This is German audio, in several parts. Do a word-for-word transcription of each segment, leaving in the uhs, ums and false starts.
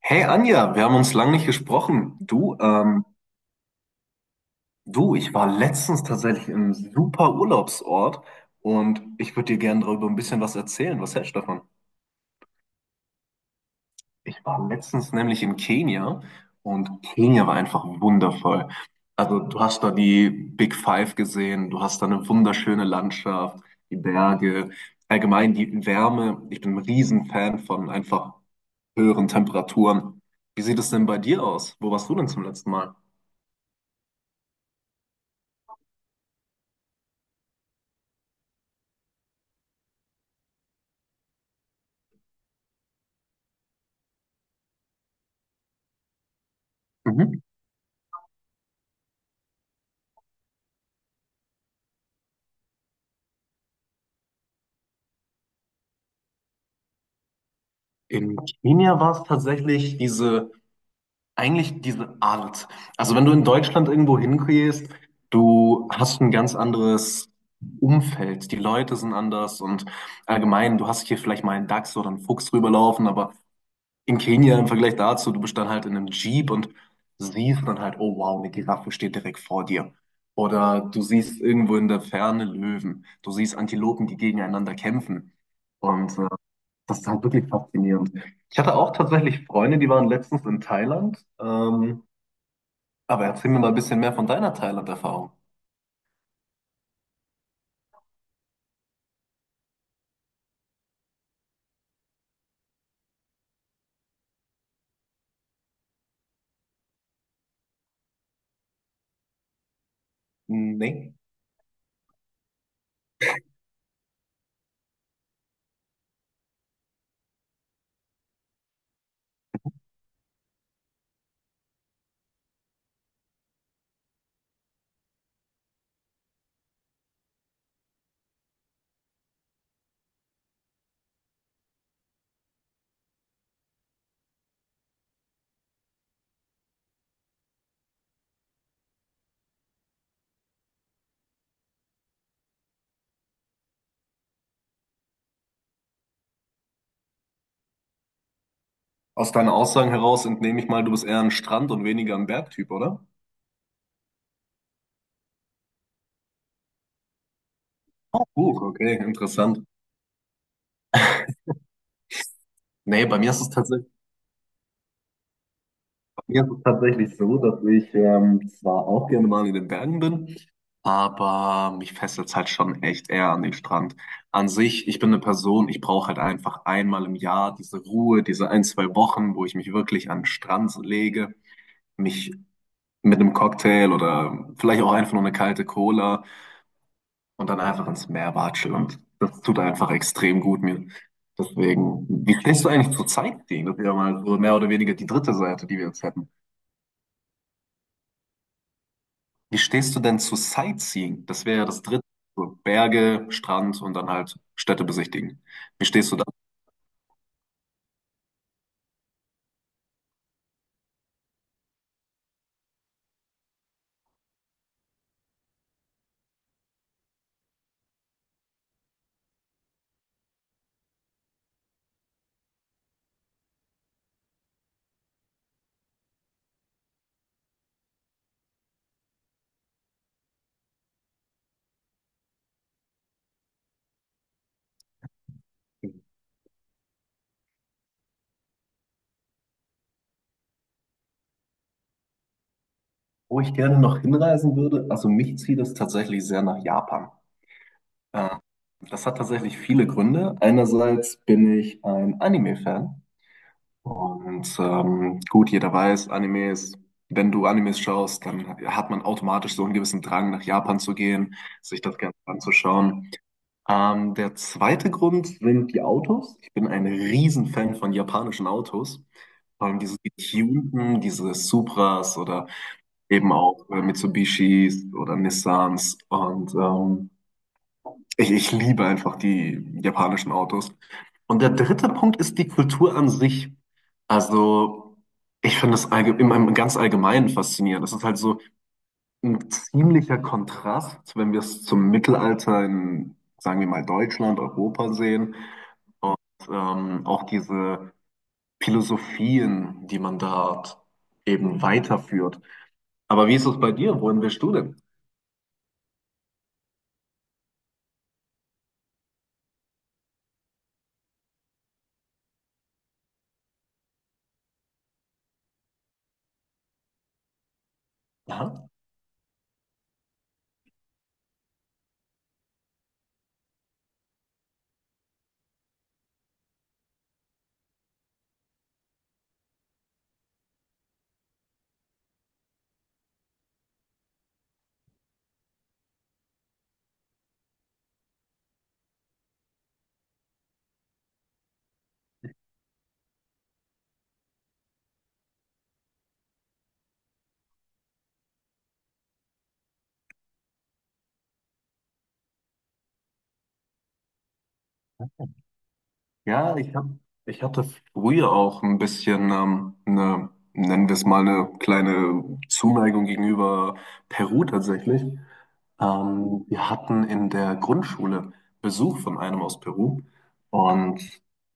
Hey Anja, wir haben uns lange nicht gesprochen. Du, ähm, du, ich war letztens tatsächlich im super Urlaubsort und ich würde dir gerne darüber ein bisschen was erzählen. Was hältst du davon? Ich war letztens nämlich in Kenia und Kenia war einfach wundervoll. Also du hast da die Big Five gesehen, du hast da eine wunderschöne Landschaft, die Berge, allgemein die Wärme. Ich bin ein Riesenfan von einfach höheren Temperaturen. Wie sieht es denn bei dir aus? Wo warst du denn zum letzten Mal? In Kenia war es tatsächlich diese, eigentlich diese Art. Also wenn du in Deutschland irgendwo hingehst, du hast ein ganz anderes Umfeld. Die Leute sind anders und allgemein, du hast hier vielleicht mal einen Dachs oder einen Fuchs rüberlaufen, aber in Kenia im Vergleich dazu, du bist dann halt in einem Jeep und siehst dann halt, oh wow, eine Giraffe steht direkt vor dir. Oder du siehst irgendwo in der Ferne Löwen. Du siehst Antilopen, die gegeneinander kämpfen. Und äh, das ist halt wirklich faszinierend. Ich hatte auch tatsächlich Freunde, die waren letztens in Thailand. Ähm, aber erzähl mir mal ein bisschen mehr von deiner Thailand-Erfahrung. Nee. Aus deinen Aussagen heraus entnehme ich mal, du bist eher ein Strand- und weniger ein Bergtyp, oder? Oh, gut, okay, interessant. Nee, bei mir ist es tatsächlich. Mir ist es tatsächlich so, dass ich ähm, zwar auch gerne mal in den Bergen bin, aber mich fesselt es halt schon echt eher an den Strand. An sich, ich bin eine Person, ich brauche halt einfach einmal im Jahr diese Ruhe, diese ein, zwei Wochen, wo ich mich wirklich an den Strand lege, mich mit einem Cocktail oder vielleicht auch einfach nur eine kalte Cola und dann einfach ins Meer watschel. Und das tut einfach extrem gut mir. Deswegen, wie stehst du eigentlich zur Sightseeing? Das ist ja mal so mehr oder weniger die dritte Seite, die wir jetzt hätten. Wie stehst du denn zu Sightseeing? Das wäre ja das dritte. So Berge, Strand und dann halt Städte besichtigen. Wie stehst du da? Wo ich gerne noch hinreisen würde, also mich zieht es tatsächlich sehr nach Japan. Äh, Das hat tatsächlich viele Gründe. Einerseits bin ich ein Anime-Fan und ähm, gut, jeder weiß, Animes, wenn du Animes schaust, dann hat man automatisch so einen gewissen Drang, nach Japan zu gehen, sich das Ganze anzuschauen. Ähm, der zweite Grund sind die Autos. Ich bin ein Riesenfan von japanischen Autos. Vor allem diese getunten, diese Supras oder eben auch äh, Mitsubishis oder Nissans. Und ähm, ich, ich liebe einfach die japanischen Autos. Und der dritte Punkt ist die Kultur an sich. Also ich finde es allge- im, im ganz Allgemeinen faszinierend. Das ist halt so, ein ziemlicher Kontrast, wenn wir es zum Mittelalter in, sagen wir mal, Deutschland, Europa sehen. Ähm, auch diese Philosophien, die man da eben weiterführt. Aber wie ist es bei dir? Wohin willst du denn? Ja. Ja, ich hab, ich hatte früher auch ein bisschen, ähm, eine, nennen wir es mal, eine kleine Zuneigung gegenüber Peru tatsächlich. Ähm, wir hatten in der Grundschule Besuch von einem aus Peru und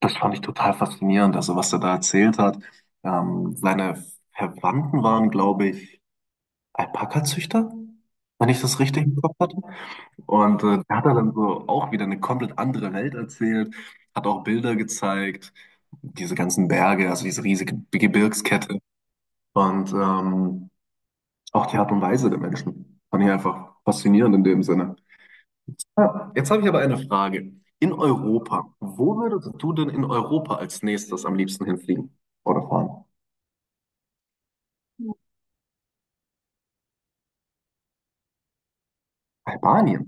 das fand ich total faszinierend, also was er da erzählt hat. Ähm, seine Verwandten waren, glaube ich, Alpaka-Züchter, wenn ich das richtig im Kopf hatte. Und äh, der hat da dann so auch wieder eine komplett andere Welt erzählt, hat auch Bilder gezeigt, diese ganzen Berge, also diese riesige Gebirgskette und ähm, auch die Art und Weise der Menschen. Fand ich einfach faszinierend in dem Sinne. Ah, jetzt habe ich aber eine Frage. In Europa, wo würdest du denn in Europa als nächstes am liebsten hinfliegen oder fahren? Albanien.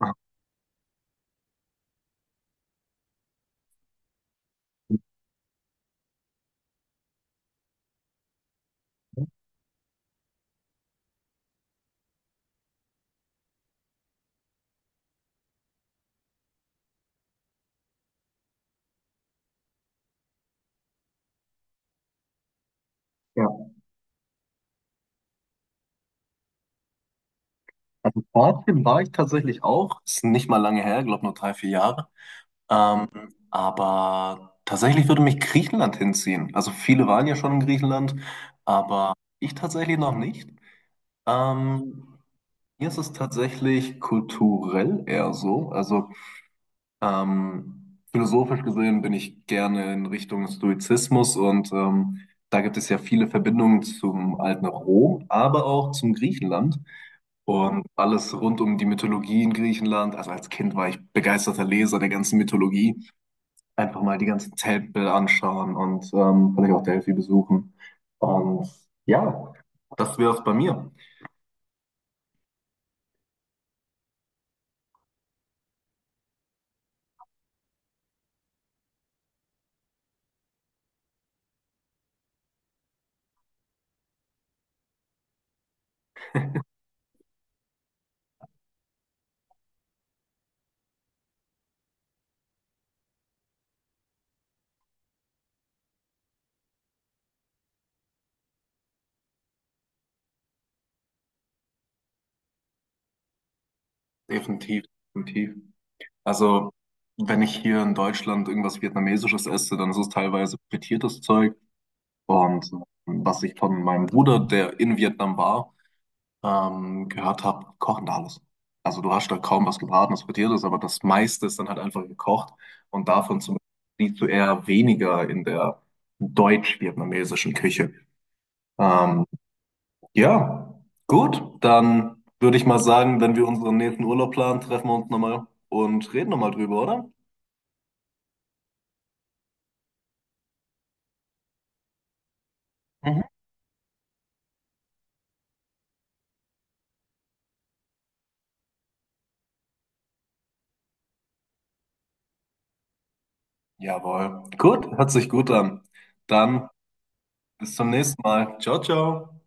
Ah, ja, also Kroatien war ich tatsächlich auch, ist nicht mal lange her, glaube nur drei, vier Jahre. Ähm, aber tatsächlich würde mich Griechenland hinziehen. Also viele waren ja schon in Griechenland, aber ich tatsächlich noch nicht. Ähm, Mir ist es tatsächlich kulturell eher so. Also ähm, philosophisch gesehen bin ich gerne in Richtung Stoizismus und ähm, da gibt es ja viele Verbindungen zum alten Rom, aber auch zum Griechenland und alles rund um die Mythologie in Griechenland. Also als Kind war ich begeisterter Leser der ganzen Mythologie einfach mal die ganzen Tempel anschauen und ähm, vielleicht auch Delphi besuchen. Und ja, das wäre es bei mir. Definitiv, definitiv. Also, wenn ich hier in Deutschland irgendwas Vietnamesisches esse, dann ist es teilweise frittiertes Zeug. Und ähm, was ich von meinem Bruder, der in Vietnam war, ähm, gehört habe, kochen da alles. Also du hast da kaum was gebratenes, frittiertes, aber das meiste ist dann halt einfach gekocht. Und davon zum Beispiel siehst du eher weniger in der deutsch-vietnamesischen Küche. Ähm, ja, gut, dann würde ich mal sagen, wenn wir unseren nächsten Urlaub planen, treffen wir uns nochmal und reden nochmal drüber, oder? Mhm. Jawohl. Gut, hört sich gut an. Dann bis zum nächsten Mal. Ciao, ciao.